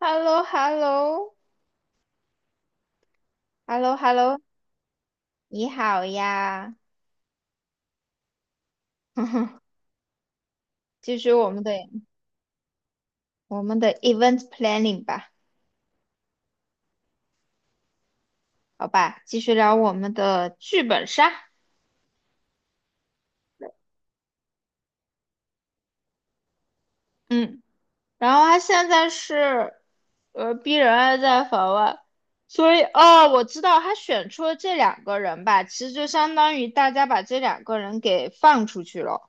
h e l l o h e l l o h e l l o h e l l o 你好呀。继续我们的event planning 吧。好吧，继续聊我们的剧本杀。嗯，然后他现在是，逼人还在法外，所以哦，我知道他选出了这两个人吧，其实就相当于大家把这两个人给放出去了。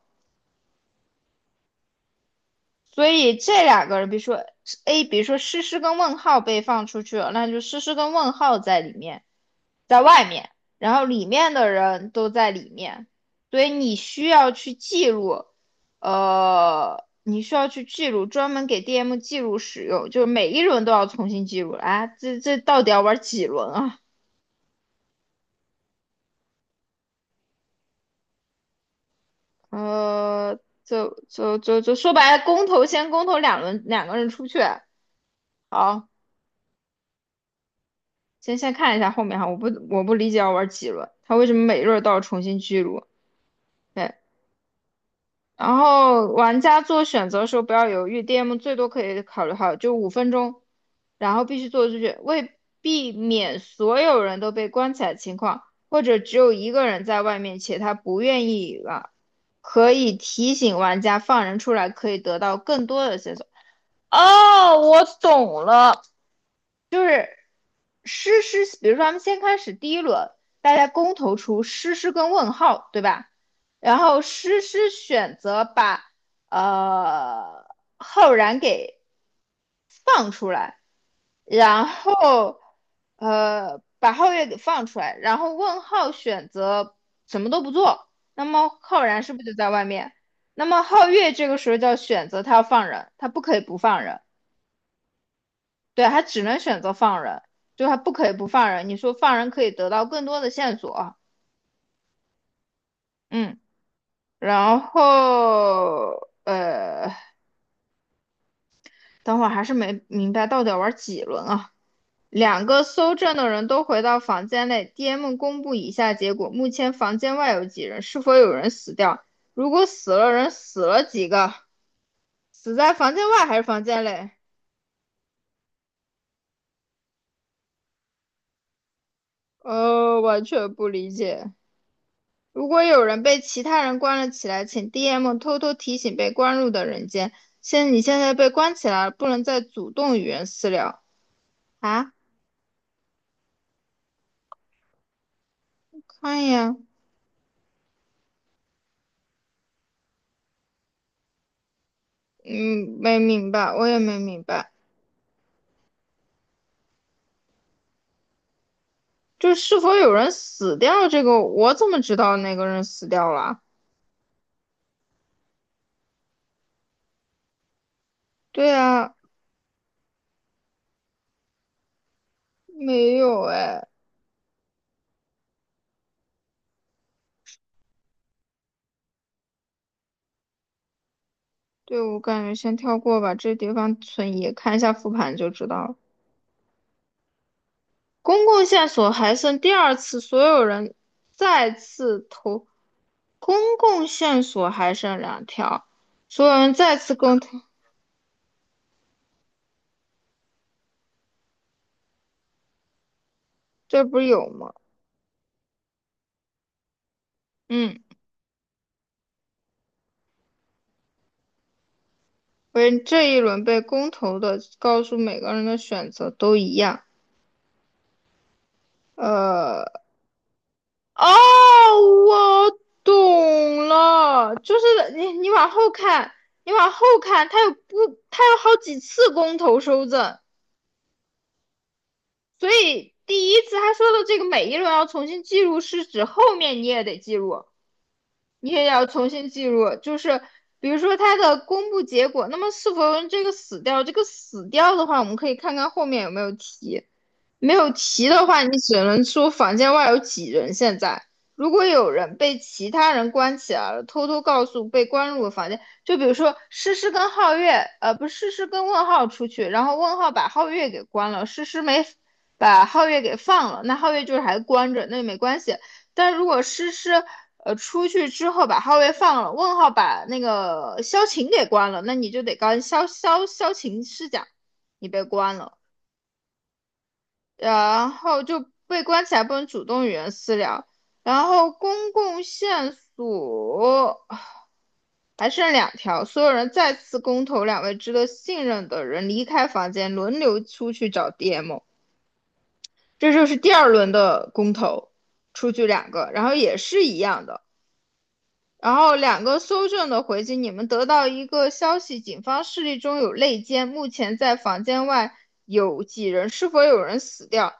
所以这两个人，比如说 A，比如说诗诗跟问号被放出去了，那就诗诗跟问号在里面，在外面，然后里面的人都在里面。所以你需要去记录，你需要去记录，专门给 DM 记录使用，就是每一轮都要重新记录啊。哎这到底要玩几轮啊？呃，就说白了，公投先公投两轮，两个人出去，好。先看一下后面哈，我不理解要玩几轮，他为什么每轮都要重新记录？对，然后玩家做选择的时候不要犹豫，DM 最多可以考虑好就五分钟，然后必须做出去，为避免所有人都被关起来的情况，或者只有一个人在外面且他不愿意了，可以提醒玩家放人出来，可以得到更多的线索。哦，我懂了。诗诗，比如说咱们先开始第一轮，大家公投出诗诗跟问号，对吧？然后诗诗选择把呃浩然给放出来，然后把皓月给放出来，然后问号选择什么都不做，那么浩然是不是就在外面？那么皓月这个时候就要选择他要放人，他不可以不放人。对，他只能选择放人，就他不可以不放人。你说放人可以得到更多的线索。嗯，然后等会儿还是没明白到底要玩几轮啊？两个搜证的人都回到房间内，DM 公布以下结果：目前房间外有几人？是否有人死掉？如果死了人，死了几个？死在房间外还是房间内？完全不理解。如果有人被其他人关了起来，请 DM 偷偷提醒被关入的人间，你现在被关起来了，不能再主动与人私聊啊！看呀。嗯，没明白，我也没明白。就是是否有人死掉这个，我怎么知道那个人死掉了？对啊，没有哎。对，我感觉先跳过吧，这地方存疑，看一下复盘就知道了。公共线索还剩第二次，所有人再次投公共线索还剩两条，所有人再次公投。这不是有吗？嗯，为这一轮被公投的，告诉每个人的选择都一样。呃，哦，我懂了，就是你往后看，你往后看，他有不，他有好几次公投收赠，所以第一次他说的这个每一轮要重新记录，是指后面你也得记录。你也要重新记录，就是比如说它的公布结果，那么是否用这个死掉？这个死掉的话，我们可以看看后面有没有提。没有齐的话，你只能说房间外有几人。现在，如果有人被其他人关起来了，偷偷告诉被关入的房间，就比如说诗诗跟皓月，不是诗诗跟问号出去，然后问号把皓月给关了，诗诗没把皓月给放了，那皓月就是还关着，那没关系。但如果诗诗出去之后把皓月放了，问号把那个萧晴给关了，那你就得告萧晴师长，你被关了。然后就被关起来，不能主动与人私聊。然后公共线索还剩两条，所有人再次公投，两位值得信任的人离开房间，轮流出去找 DM。这就是第二轮的公投，出去两个，然后也是一样的。然后两个搜证的回击，你们得到一个消息，警方势力中有内奸，目前在房间外有几人，是否有人死掉？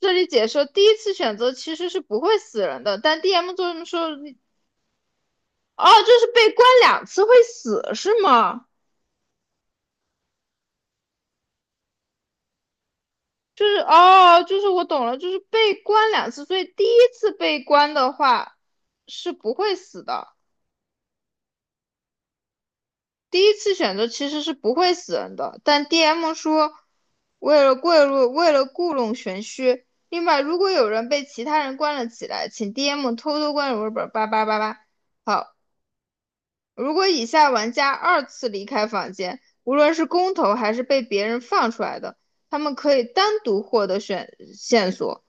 这里解说，第一次选择其实是不会死人的，但 DM 做这么说。哦，就是被关两次会死是吗？就是哦，就是我懂了，就是被关两次，所以第一次被关的话是不会死的。第一次选择其实是不会死人的，但 DM 说为了贿赂，为了故弄玄虚。另外，如果有人被其他人关了起来，请 DM 偷偷关入本八八八八。好，如果以下玩家二次离开房间，无论是公投还是被别人放出来的，他们可以单独获得选线索。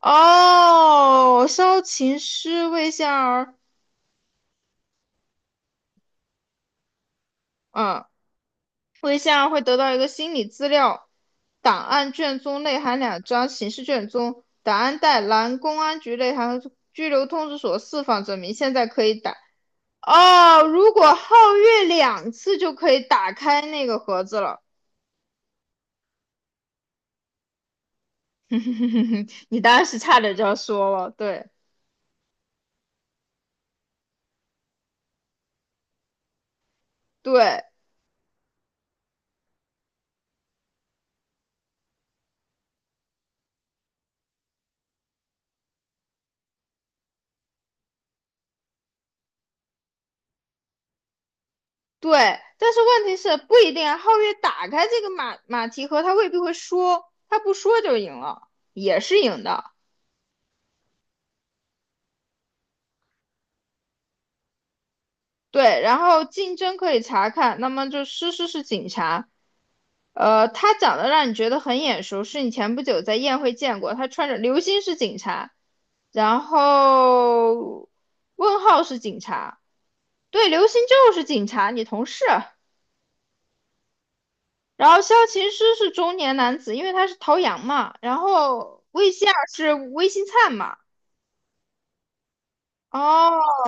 哦，烧琴师魏仙儿。嗯，魏仙儿会得到一个心理资料档案卷宗，内含两张刑事卷宗，档案袋蓝公安局内含拘留通知所释放证明，现在可以打。哦，如果皓月两次就可以打开那个盒子了。你当时差点就要说了。对对对，但是问题是不一定啊。皓月打开这个马蹄盒，他未必会说，他不说就赢了，也是赢的。对，然后竞争可以查看，那么就诗诗是警察，他长得让你觉得很眼熟，是你前不久在宴会见过，他穿着刘星是警察，然后问号是警察。对，刘星就是警察，你同事。然后萧琴师是中年男子，因为他是陶阳嘛。然后魏仙儿是魏新灿嘛。哦，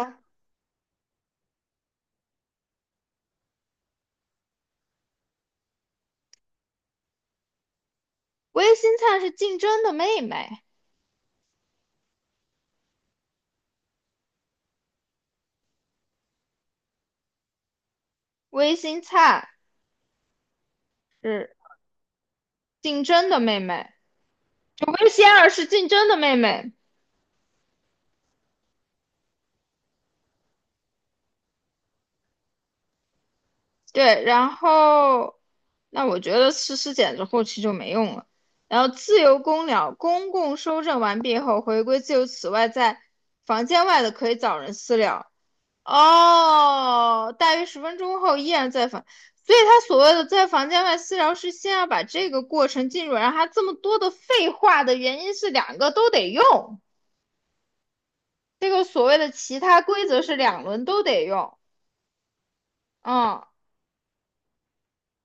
魏新灿是竞争的妹妹，魏新灿是竞争的妹妹，就魏仙儿是竞争的妹妹。对，然后那我觉得诗诗简直后期就没用了。然后自由公了，公共收证完毕后回归自由。此外，在房间外的可以找人私聊。哦，大约十分钟后依然在房，所以他所谓的在房间外私聊是先要把这个过程进入，然后他这么多的废话的原因是两个都得用，这个所谓的其他规则是两轮都得用。嗯，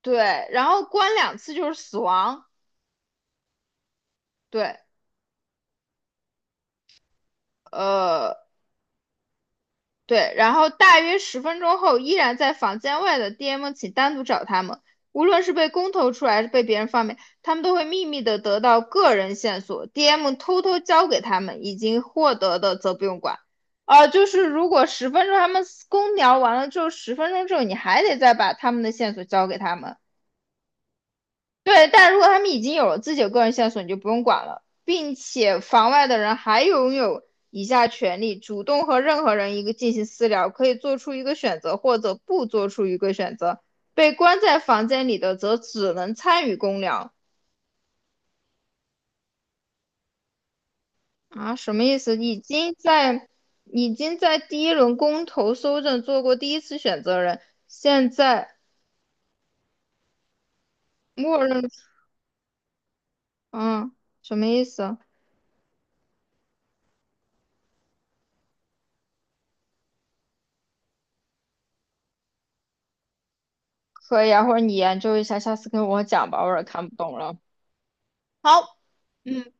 对，然后关两次就是死亡。对，呃，对，然后大约十分钟后，依然在房间外的 DM 请单独找他们。无论是被公投出来，还是被别人放便，他们都会秘密的得到个人线索，DM 偷偷交给他们，已经获得的则不用管。就是如果十分钟他们公聊完了之后，十分钟之后你还得再把他们的线索交给他们。对，但如果他们已经有了自己的个人线索，你就不用管了，并且房外的人还拥有以下权利：主动和任何人一个进行私聊，可以做出一个选择或者不做出一个选择。被关在房间里的则只能参与公聊。啊，什么意思？已经在第一轮公投搜证做过第一次选择人，现在默认嗯，什么意思？可以啊，或者你研究一下，下次跟我讲吧，我有点看不懂了。好。嗯，拜拜。